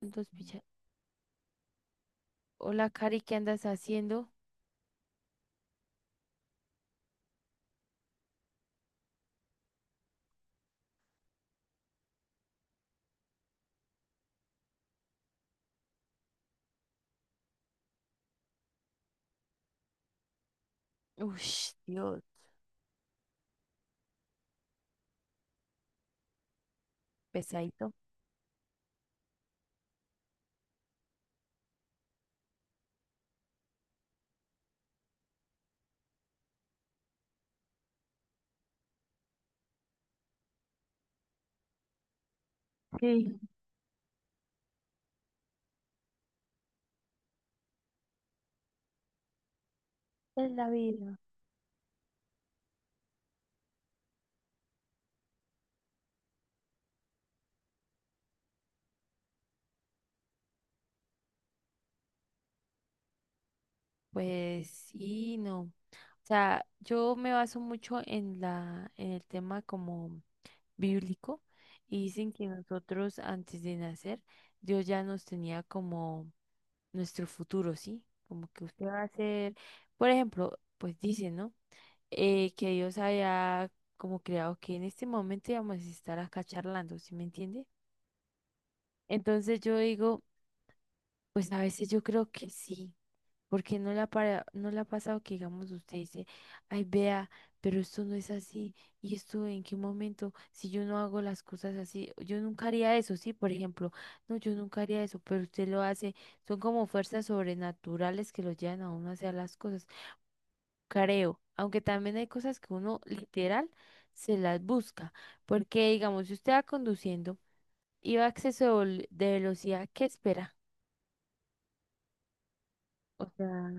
Dos picha- Hola, Cari, ¿qué andas haciendo? Ush, Dios, pesadito. Sí, es la vida. Pues sí, no. O sea, yo me baso mucho en el tema como bíblico y dicen que nosotros antes de nacer, Dios ya nos tenía como nuestro futuro, ¿sí? Como que usted va a ser, por ejemplo, pues dicen, ¿no? Que Dios haya como creado que en este momento íbamos a estar acá charlando, ¿sí me entiende? Entonces yo digo, pues a veces yo creo que sí, porque no la ha pasado que digamos usted dice, ay, vea, pero esto no es así, y esto en qué momento, si yo no hago las cosas así, yo nunca haría eso, sí, por ejemplo, no, yo nunca haría eso, pero usted lo hace, son como fuerzas sobrenaturales que lo llevan a uno a hacer las cosas, creo, aunque también hay cosas que uno literal se las busca, porque digamos, si usted va conduciendo y va a exceso de de velocidad, ¿qué espera? O sea,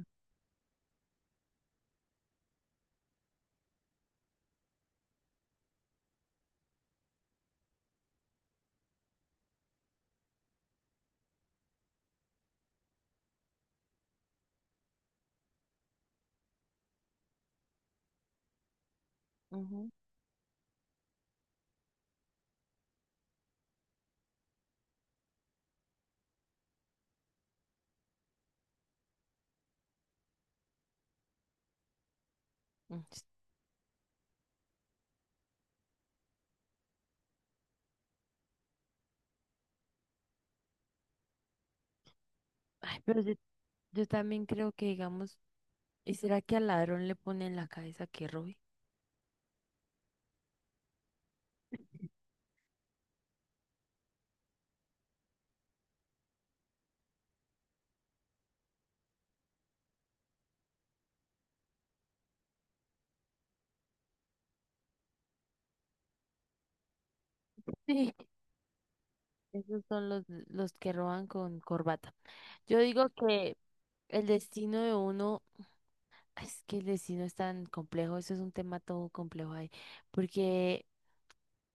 ujú, mm, s- ay, pero yo también creo que, digamos, ¿y será que al ladrón le pone en la cabeza que robe? Sí. Esos son los que roban con corbata. Yo digo que el destino de uno, es que el destino es tan complejo, eso es un tema todo complejo ahí, porque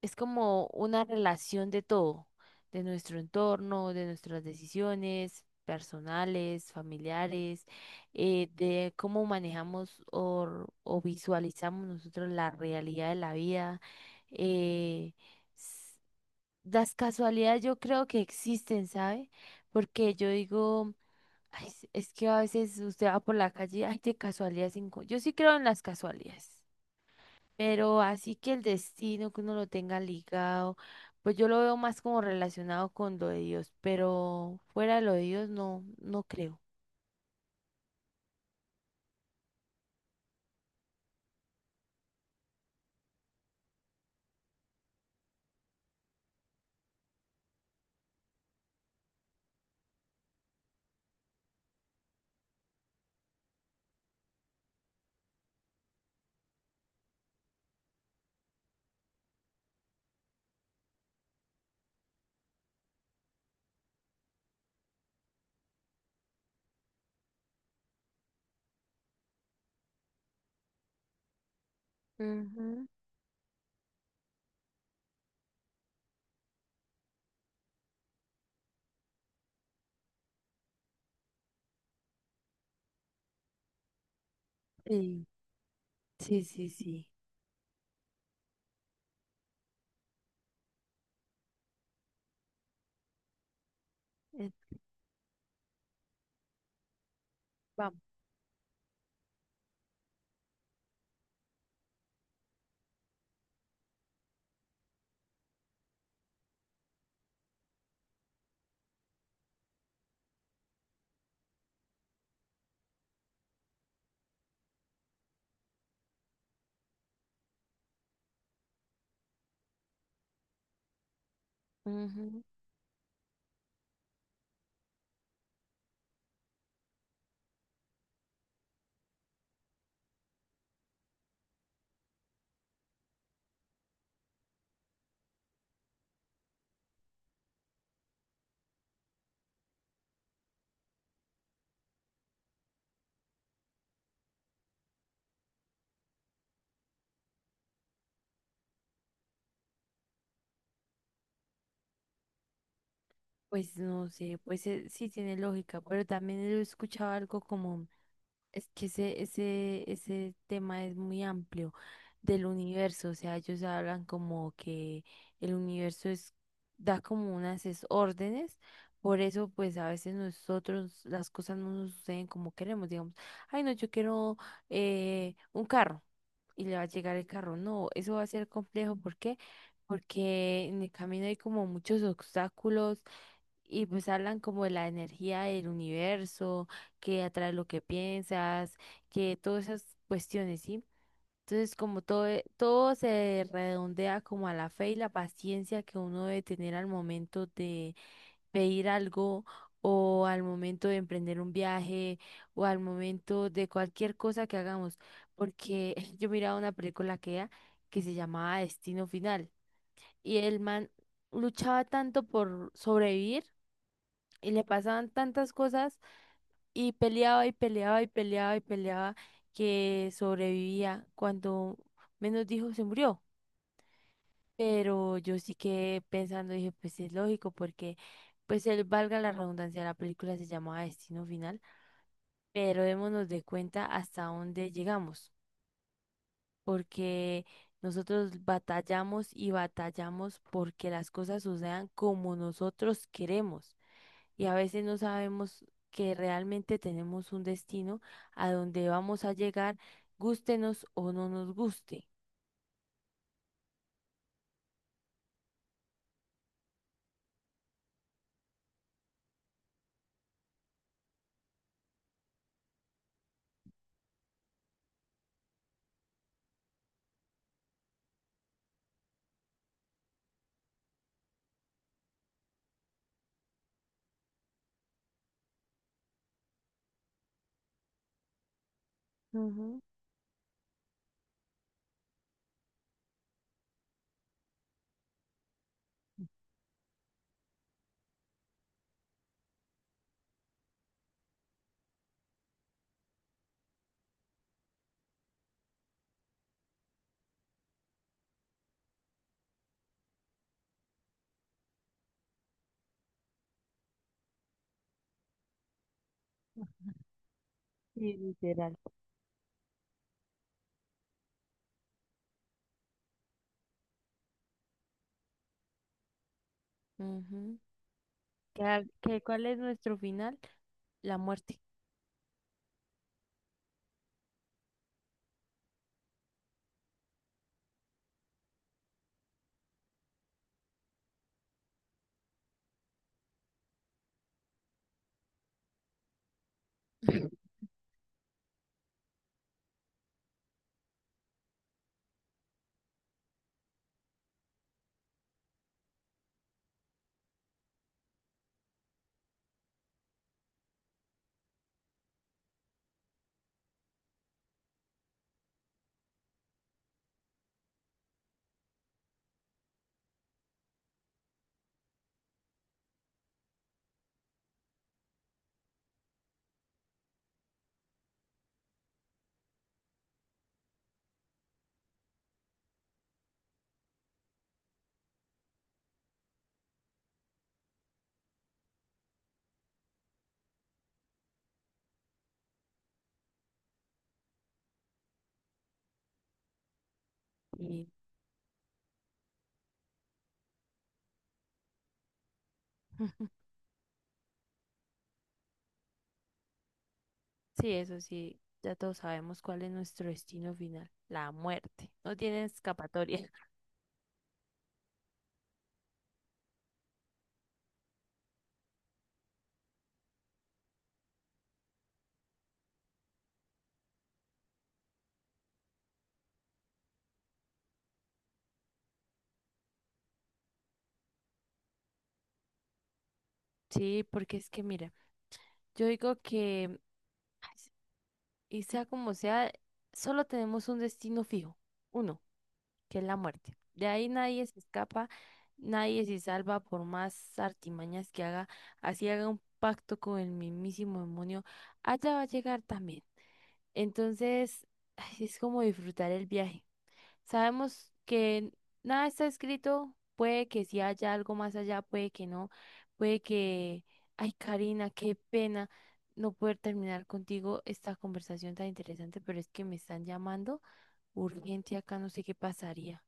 es como una relación de todo, de nuestro entorno, de nuestras decisiones personales, familiares, de cómo manejamos o visualizamos nosotros la realidad de la vida. eh, s- las casualidades yo creo que existen, ¿sabe? Porque yo digo, "Ay, es que a veces usted va por la calle, ay, de casualidad se encuentra". Yo sí creo en las casualidades. Pero así que el destino que uno lo tenga ligado, pues yo lo veo más como relacionado con lo de Dios, pero fuera de lo de Dios no, no creo. Ujú. Sí, sí, sí, sí. Eh, vamos. Ujú. Pues no sé, pues sí tiene lógica, pero también he escuchado algo como. Es que ese, ese tema es muy amplio del universo, o sea, ellos hablan como que el universo es, da como unas órdenes, por eso pues a veces nosotros las cosas no nos suceden como queremos, digamos, ay no, yo quiero un carro y le va a llegar el carro, no, eso va a ser complejo, ¿por qué? Porque en el camino hay como muchos obstáculos y pues hablan como de la energía del universo, que atrae lo que piensas, que todas esas cuestiones, ¿sí? Entonces, como todo, todo se redondea como a la fe y la paciencia que uno debe tener al momento de pedir algo o al momento de emprender un viaje o al momento de cualquier cosa que hagamos. Porque yo miraba una película que era, que se llamaba Destino Final y el man luchaba tanto por sobrevivir y le pasaban tantas cosas y peleaba y peleaba que sobrevivía cuando menos dijo se murió. Pero yo sí que pensando dije, pues es lógico porque pues él, valga la redundancia, la película se llamaba Destino Final, pero démonos de cuenta hasta dónde llegamos, porque nosotros batallamos porque las cosas sucedan como nosotros queremos. Y a veces no sabemos que realmente tenemos un destino a donde vamos a llegar, gústenos o no nos guste. Ujú. Sí, literal. Ujú. Qué al- que ¿Cuál es nuestro final? La muerte. Y mm, sí, eso sí, ya todos sabemos cuál es nuestro destino final, la muerte. No tiene escapatoria. Sí, porque es que mira, yo digo que, ay, y sea como sea, solo tenemos un destino fijo, uno. Que es la muerte. De ahí nadie se escapa, nadie se salva por más artimañas que haga, así haga un pacto con el mismísimo demonio, allá va a llegar también. Entonces, ay, es como disfrutar el viaje. Sabemos que nada está escrito, puede que sí haya algo más allá, puede que no, puede que, ay, Karina, qué pena. No poder terminar contigo esta conversación tan interesante, pero es que me están llamando urgente acá, no sé qué pasaría.